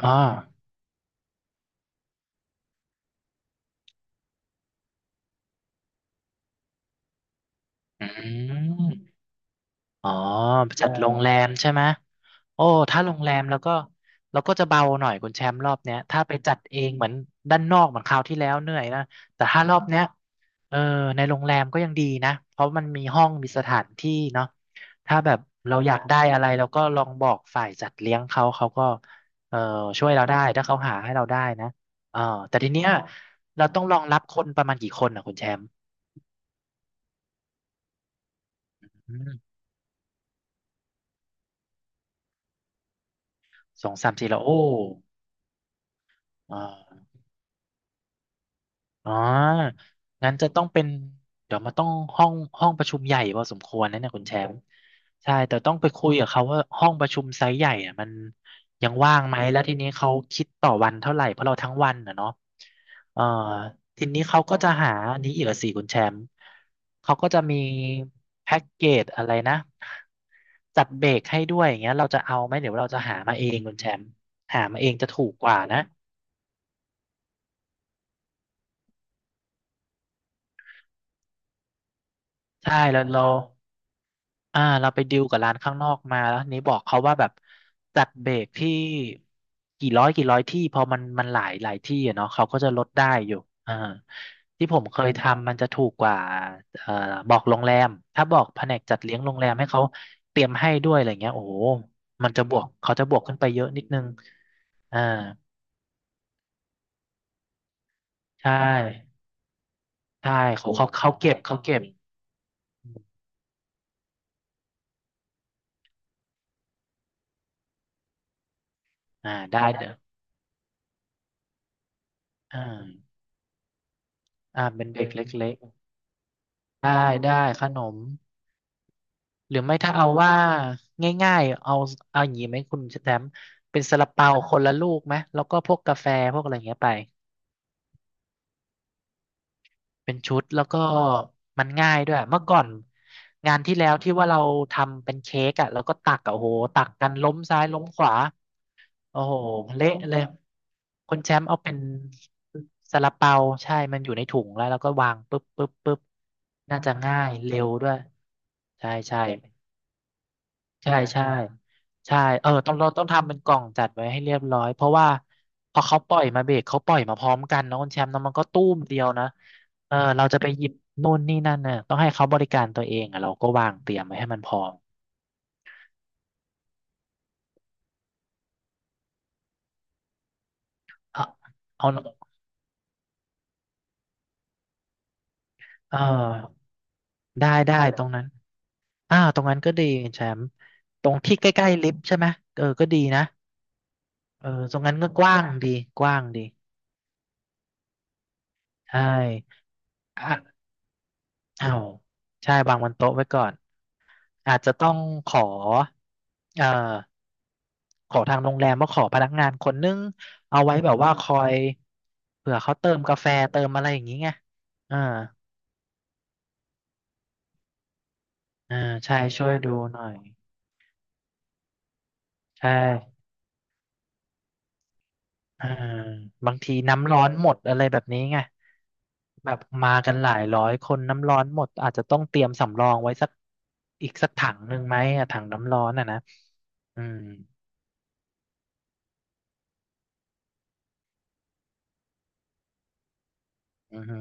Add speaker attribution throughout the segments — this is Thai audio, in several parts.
Speaker 1: อ๋ออืมอ๋อใช่โรงแรมใช่ไหมโอ้ถ้าโรงแรมแล้วก็เราก็จะเบาหน่อยคุณแชมป์รอบเนี้ยถ้าไปจัดเองเหมือนด้านนอกเหมือนคราวที่แล้วเหนื่อยนะแต่ถ้ารอบเนี้ยเออในโรงแรมก็ยังดีนะเพราะมันมีห้องมีสถานที่เนาะถ้าแบบเราอยากได้อะไรเราก็ลองบอกฝ่ายจัดเลี้ยงเขาเขาก็เออช่วยเราได้ถ้าเขาหาให้เราได้นะเออแต่ทีเนี้ยเราต้องรองรับคนประมาณกี่คนอ่ะคุณแชมป์อืมสองสามสี่แล้วโอ้ อ่าอ๋องั้นจะต้องเป็นเดี๋ยวมันต้องห้องห้องประชุมใหญ่พอสมควรนะเนี่ยคุณแชมป์ใช่แต่ต้องไปคุยกับเขาว่าห้องประชุมไซส์ใหญ่อ่ะมันยังว่างไหมแล้วทีนี้เขาคิดต่อวันเท่าไหร่เพราะเราทั้งวันอ่ะเนาะเอ่อทีนี้เขาก็จะหาอันนี้อีกอะสิคุณแชมป์เขาก็จะมีแพ็กเกจอะไรนะจัดเบรกให้ด้วยอย่างเงี้ยเราจะเอาไหมเดี๋ยวเราจะหามาเองคุณแชมป์หามาเองจะถูกกว่านะใช่แล้วเรา อ่าเราไปดิวกับร้านข้างนอกมาแล้วนี้บอกเขาว่าแบบจัดเบรกที่กี่ร้อยที่พอมันหลายหลายที่อะเนาะเขาก็จะลดได้อยู่อ่าที่ผมเคยทำมันจะถูกกว่าเอ่อบอกโรงแรมถ้าบอกแผนกจัดเลี้ยงโรงแรมให้เขาเตรียมให้ด้วยอะไรเงี้ยโอ้โหมันจะบวกเขาจะบวกขึ้นไปเยอะนิดนึงอ่าใช่ใช่เขาเขาเขาเก็บเขาเก็บอ่าได้เด้ออ่าอ่าเป็นเบรกเล็กๆได้ได้ขนม หรือไม่ถ้าเอาว่าง่ายๆเอาเอาอย่างนี้ไหมคุณแชมป์เป็นซาลาเปาคนละลูกไหมแล้วก็พวกกาแฟพวกอะไรอย่างเงี้ยไปเป็นชุดแล้วก็มันง่ายด้วยเมื่อก่อนงานที่แล้วที่ว่าเราทำเป็นเค้กอ่ะแล้วก็ตักอะโอ้โหตักกันล้มซ้ายล้มขวาโอ้โหเละเลยคุณแชมป์เอาเป็นซาลาเปาใช่มันอยู่ในถุงแล้วแล้วก็วางปุ๊บปุ๊บปุ๊บน่าจะง่ายเร็วด้วยใช่ใช่ ใช่ใช่ใช่เออต้องเราต้องทำเป็นกล่องจัดไว้ให้เรียบร้อยเพราะว่าพอเขาปล่อยมาเบรกเขาปล่อยมาพร้อมกันเนอะคุณแชมป์เนอะมันก็ตู้มเดียวนะเออเราจะไปหยิบนู่นนี่นั่นเนี่ยต้องให้เขาบริการตัวเองอ่ะเราก็วางเตรียมไว้ให้มันพร้อมเอาเอาเออได้ได้ตรงนั้นอ่าตรงนั้นก็ดีคุณแชมป์ตรงที่ใกล้ๆลิฟต์ใช่ไหมเออก็ดีนะเออตรงนั้นก็กว้างดีใช่อ่ะอ้าวใช่วางบนโต๊ะไว้ก่อน อาจจะต้องขอเอ่อขอทางโรงแรมว่าขอพนักงานคนนึงเอาไว้แบบว่าคอยเผื่อเขาเติมกาแฟเติมอะไรอย่างนี้ไงอ่าอ่าใช่ช่วยดูหน่อยใช่อ่าบางทีน้ำร้อนหมดอะไรแบบนี้ไงแบบมากันหลายร้อยคนน้ำร้อนหมดอาจจะต้องเตรียมสำรองไว้สักอีกสักถังหนึ่งไหมอะถังน้ำร้อนอ่ะนะอืมอือฮึ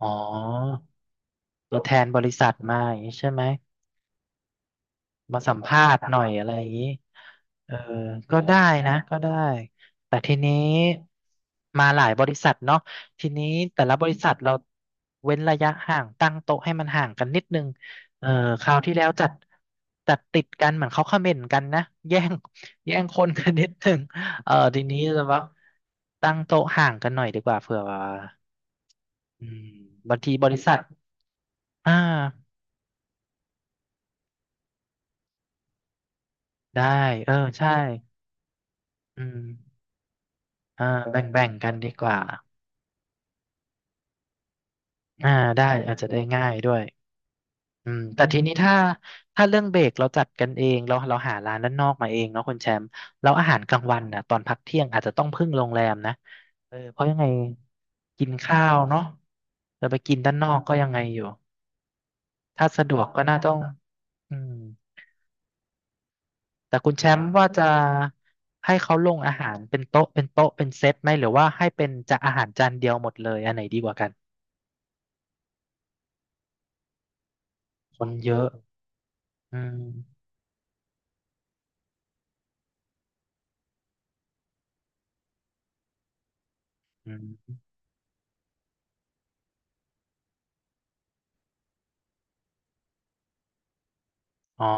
Speaker 1: อ๋อตัวแทนบริษัทมาอย่างนี้ใช่ไหม มาสัมภาษณ์หน่อยอะไรอย่างนี้เออก็ได้นะก็ได้ แต่ทีนี้มาหลายบริษัทเนาะทีนี้แต่ละบริษัทเราเว้นระยะห่างตั้งโต๊ะให้มันห่างกันนิดนึงเออคราวที่แล้วจัดติดกันเหมือนเขาเขม่นกันนะแย่ง แย่งคนกันนิดนึงเออทีนี้จะว่าตั้งโต๊ะห่างกันหน่อยดีกว่าเผื่อว่าอืมบางทีบริษัทอ่าได้เออใช่อืม อ่าแบ่งกันดีกว่าอ่าได้อาจจะได้ง่ายด้วยอืมแต่ทีนี้ถ้าถ้าเรื่องเบรกเราจัดกันเองเราหาร้านด้านนอกมาเองเนาะคุณแชมป์แล้วอาหารกลางวันนะตอนพักเที่ยงอาจจะต้องพึ่งโรงแรมนะเออเพราะยังไงกินข้าวเนาะเราไปกินด้านนอกก็ยังไงอยู่ถ้าสะดวกก็น่าต้องอืมแต่คุณแชมป์ว่าจะให้เขาลงอาหารเป็นโต๊ะเป็นเซตไหมหรือว่าให้เป็นจะอาหารจานเดียวหมดเลยอันไหนดีกว่ากันคนเยอะอืมอืม อ๋อ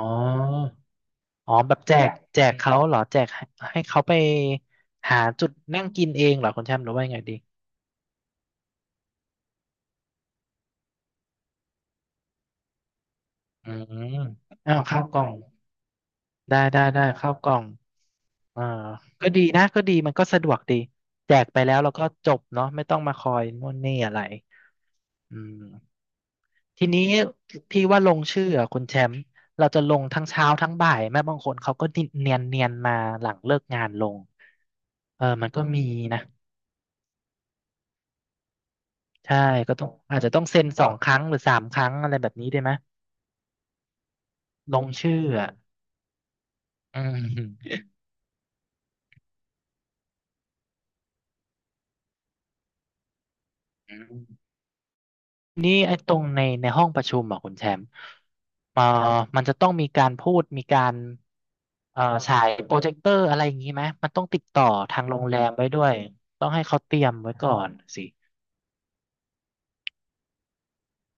Speaker 1: อ๋อแบบแจกเขาเหรอแจกให้ให้เขาไปหาจุดนั่งกินเองเหรอคุณแชมป์หรือว่ายังไงดีอืมอ้าวข้าวกล่องได้ข้าวกล่องเอ่าก็ดีนะก็ดีมันก็สะดวกดีแจกไปแล้วแล้วก็จบเนาะไม่ต้องมาคอยนู่นนี่อะไรอืมทีนี้ที่ว่าลงชื่ออะคุณแชมป์เราจะลงทั้งเช้าทั้งบ่ายแม่บางคนเขาก็เนียนมาหลังเลิกงานลงเออมันก็มีนะ ใช่ก็ต้องอาจจะต้องเซ็น 2 ครั้งหรือ 3 ครั้งอะไรแบบนี้ได้ไหมลงชื่ออ่ะอืมอืมนี่ไอ้ตรงในห้องประชุมอ่ะคุณแชมป์เอ่อมันจะต้องมีการพูดมีการฉายโปรเจคเตอร์อะไรอย่างนี้ไหมมันต้องติดต่อทางโรงแรมไว้ด้วยต้องให้เขาเตรียมไว้ก่อนสิ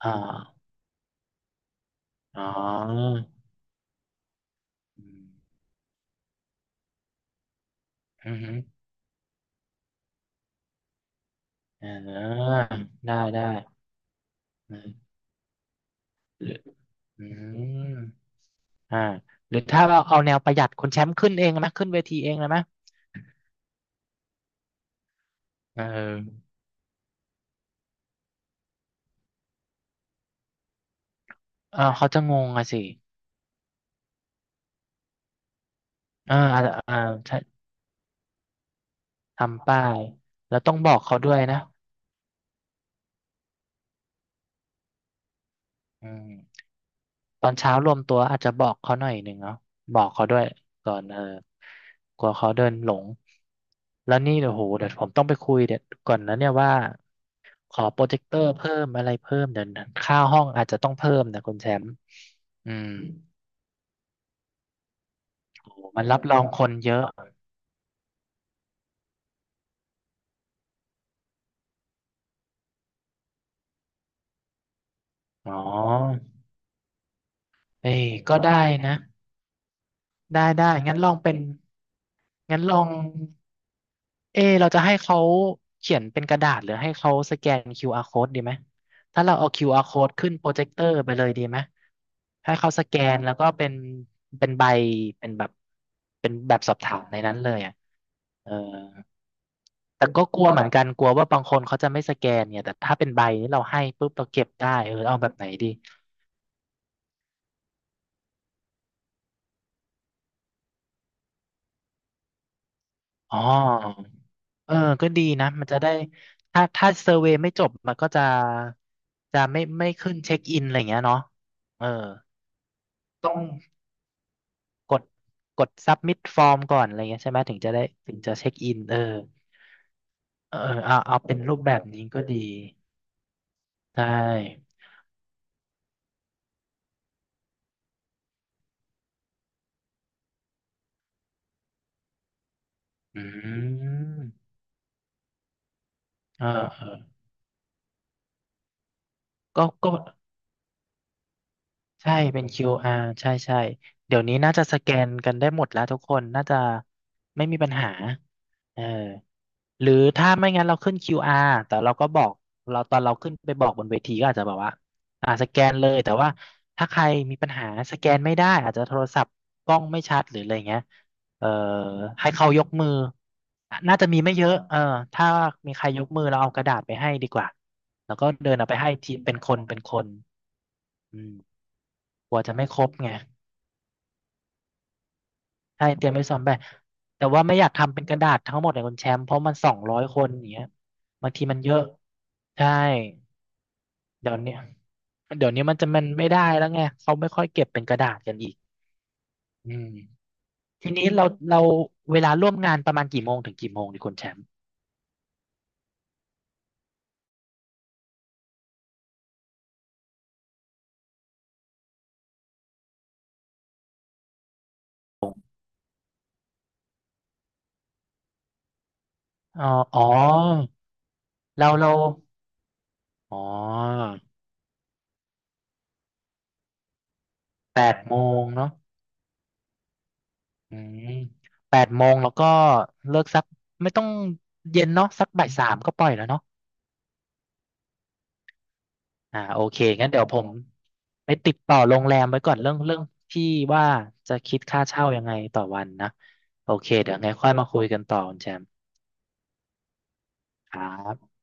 Speaker 1: อ่าอ๋ออืมอืมอหืออ่าได้ได้อืมอืม อ่าหรือถ้าเราเอาแนวประหยัดคนแชมป์ขึ้นเองไหมขึ้นเวทีเองเลยไหมเออเออเขาจะงงอะสิเอออ่าอ่าใช่ทำป้ายแล้วต้องบอกเขาด้วยนะอืมตอนเช้ารวมตัวอาจจะบอกเขาหน่อยหนึ่งเนาะบอกเขาด้วยก่อนเออกลัวเขาเดินหลงแล้วนี่เดี๋ยวโหเดี๋ยวผมต้องไปคุยเดี๋ยวก่อนนะเนี่ยว่าขอโปรเจคเตอร์เพิ่มอะไรเพิ่มเดี๋ยวนะค่าห้องอาจจะต้องเพิ่มนะคุณแชมป์อืมโหมันรับรองคนเยอะอ๋อ เอ้ยก็ได้นะได้งั้นลองเป็นงั้นลองเอเราจะให้เขาเขียนเป็นกระดาษหรือให้เขาสแกน QR code ดีไหม ถ้าเราเอา QR code ขึ้นโปรเจคเตอร์ไปเลยดีไหม ให้เขาสแกนแล้วก็เป็นเป็นใบเป็นแบบเป็นแบบสอบถามในนั้นเลยอ่ะเออแต่ก็กลัวเหมือนกัน กลัวว่าบางคนเขาจะไม่สแกนเนี่ย แต่ถ้าเป็นใบนี้เราให้ปุ๊บเราเก็บได้เออเอาแบบไหนดีอ๋อ เออก็ดีนะ มันจะได้ ถ้าเซอร์เวย์ไม่จบ มันก็จะจะไม่ขึ้นเช็คอินอะไรอย่างเงี้ยเนาะเออต้องกดกดซับมิ ฟอร์มก่อนอะไรเงี้ยใช่ไหมถึงจะได้ถึงจะเช็คอินเออเออเอาเป็นรูปแบบนี้ก็ดี ใช่อืมเออเออก็ใช่เป็น QR ใช่ใช่เดี๋ยวนี้น่าจะสแกนกันได้หมดแล้วทุกคน น่าจะไม่มีปัญหาเออ หรือถ้าไม่งั้นเราขึ้น QR แต่เราก็บอกเราตอนเราขึ้นไปบอกบนเวทีก็อาจจะแบบว่าอ่าสแกนเลยแต่ว่าถ้าใครมีปัญหาสแกนไม่ได้อาจจะโทรศัพท์กล้องไม่ชัดหรืออะไรเงี้ยเอ่อให้เขายกมือน่าจะมีไม่เยอะเออถ้ามีใครยกมือเราเอากระดาษไปให้ดีกว่าแล้วก็เดินเอาไปให้ทีเป็นคนเป็นคนอืมกลัวจะไม่ครบไง ใช่เตรียมไว้ซ้อมแบบแต่ว่าไม่อยากทำเป็นกระดาษทั้งหมดเลยคุณแชมป์เพราะมัน200 คนอย่างเงี้ยบางทีมันเยอะใช่เดี๋ยวเนี้ยเดี๋ยวนี้มันจะมันไม่ได้แล้วไงเขาไม่ค่อยเก็บเป็นกระดาษกันอีกอืมทีนี้เราเวลาร่วมงานประมาณกี่โมงถึงกี่โมงดีคุณแชมป์อ๋ออ๋อเราอ๋อแปดโมงเนาะอืมแปดโมงแล้วก็เลิกสักไม่ต้องเย็นเนาะสักบ่าย 3ก็ปล่อยแล้วเนาะ อ่าโอเคงั้นเดี๋ยวผมไปติดต่อโรงแรมไว้ก่อนเรื่องที่ว่าจะคิดค่าเช่ายังไงต่อวันนะโอเคเดี๋ยวไงค่อยมาคุยกันต่อคุณแชมครับ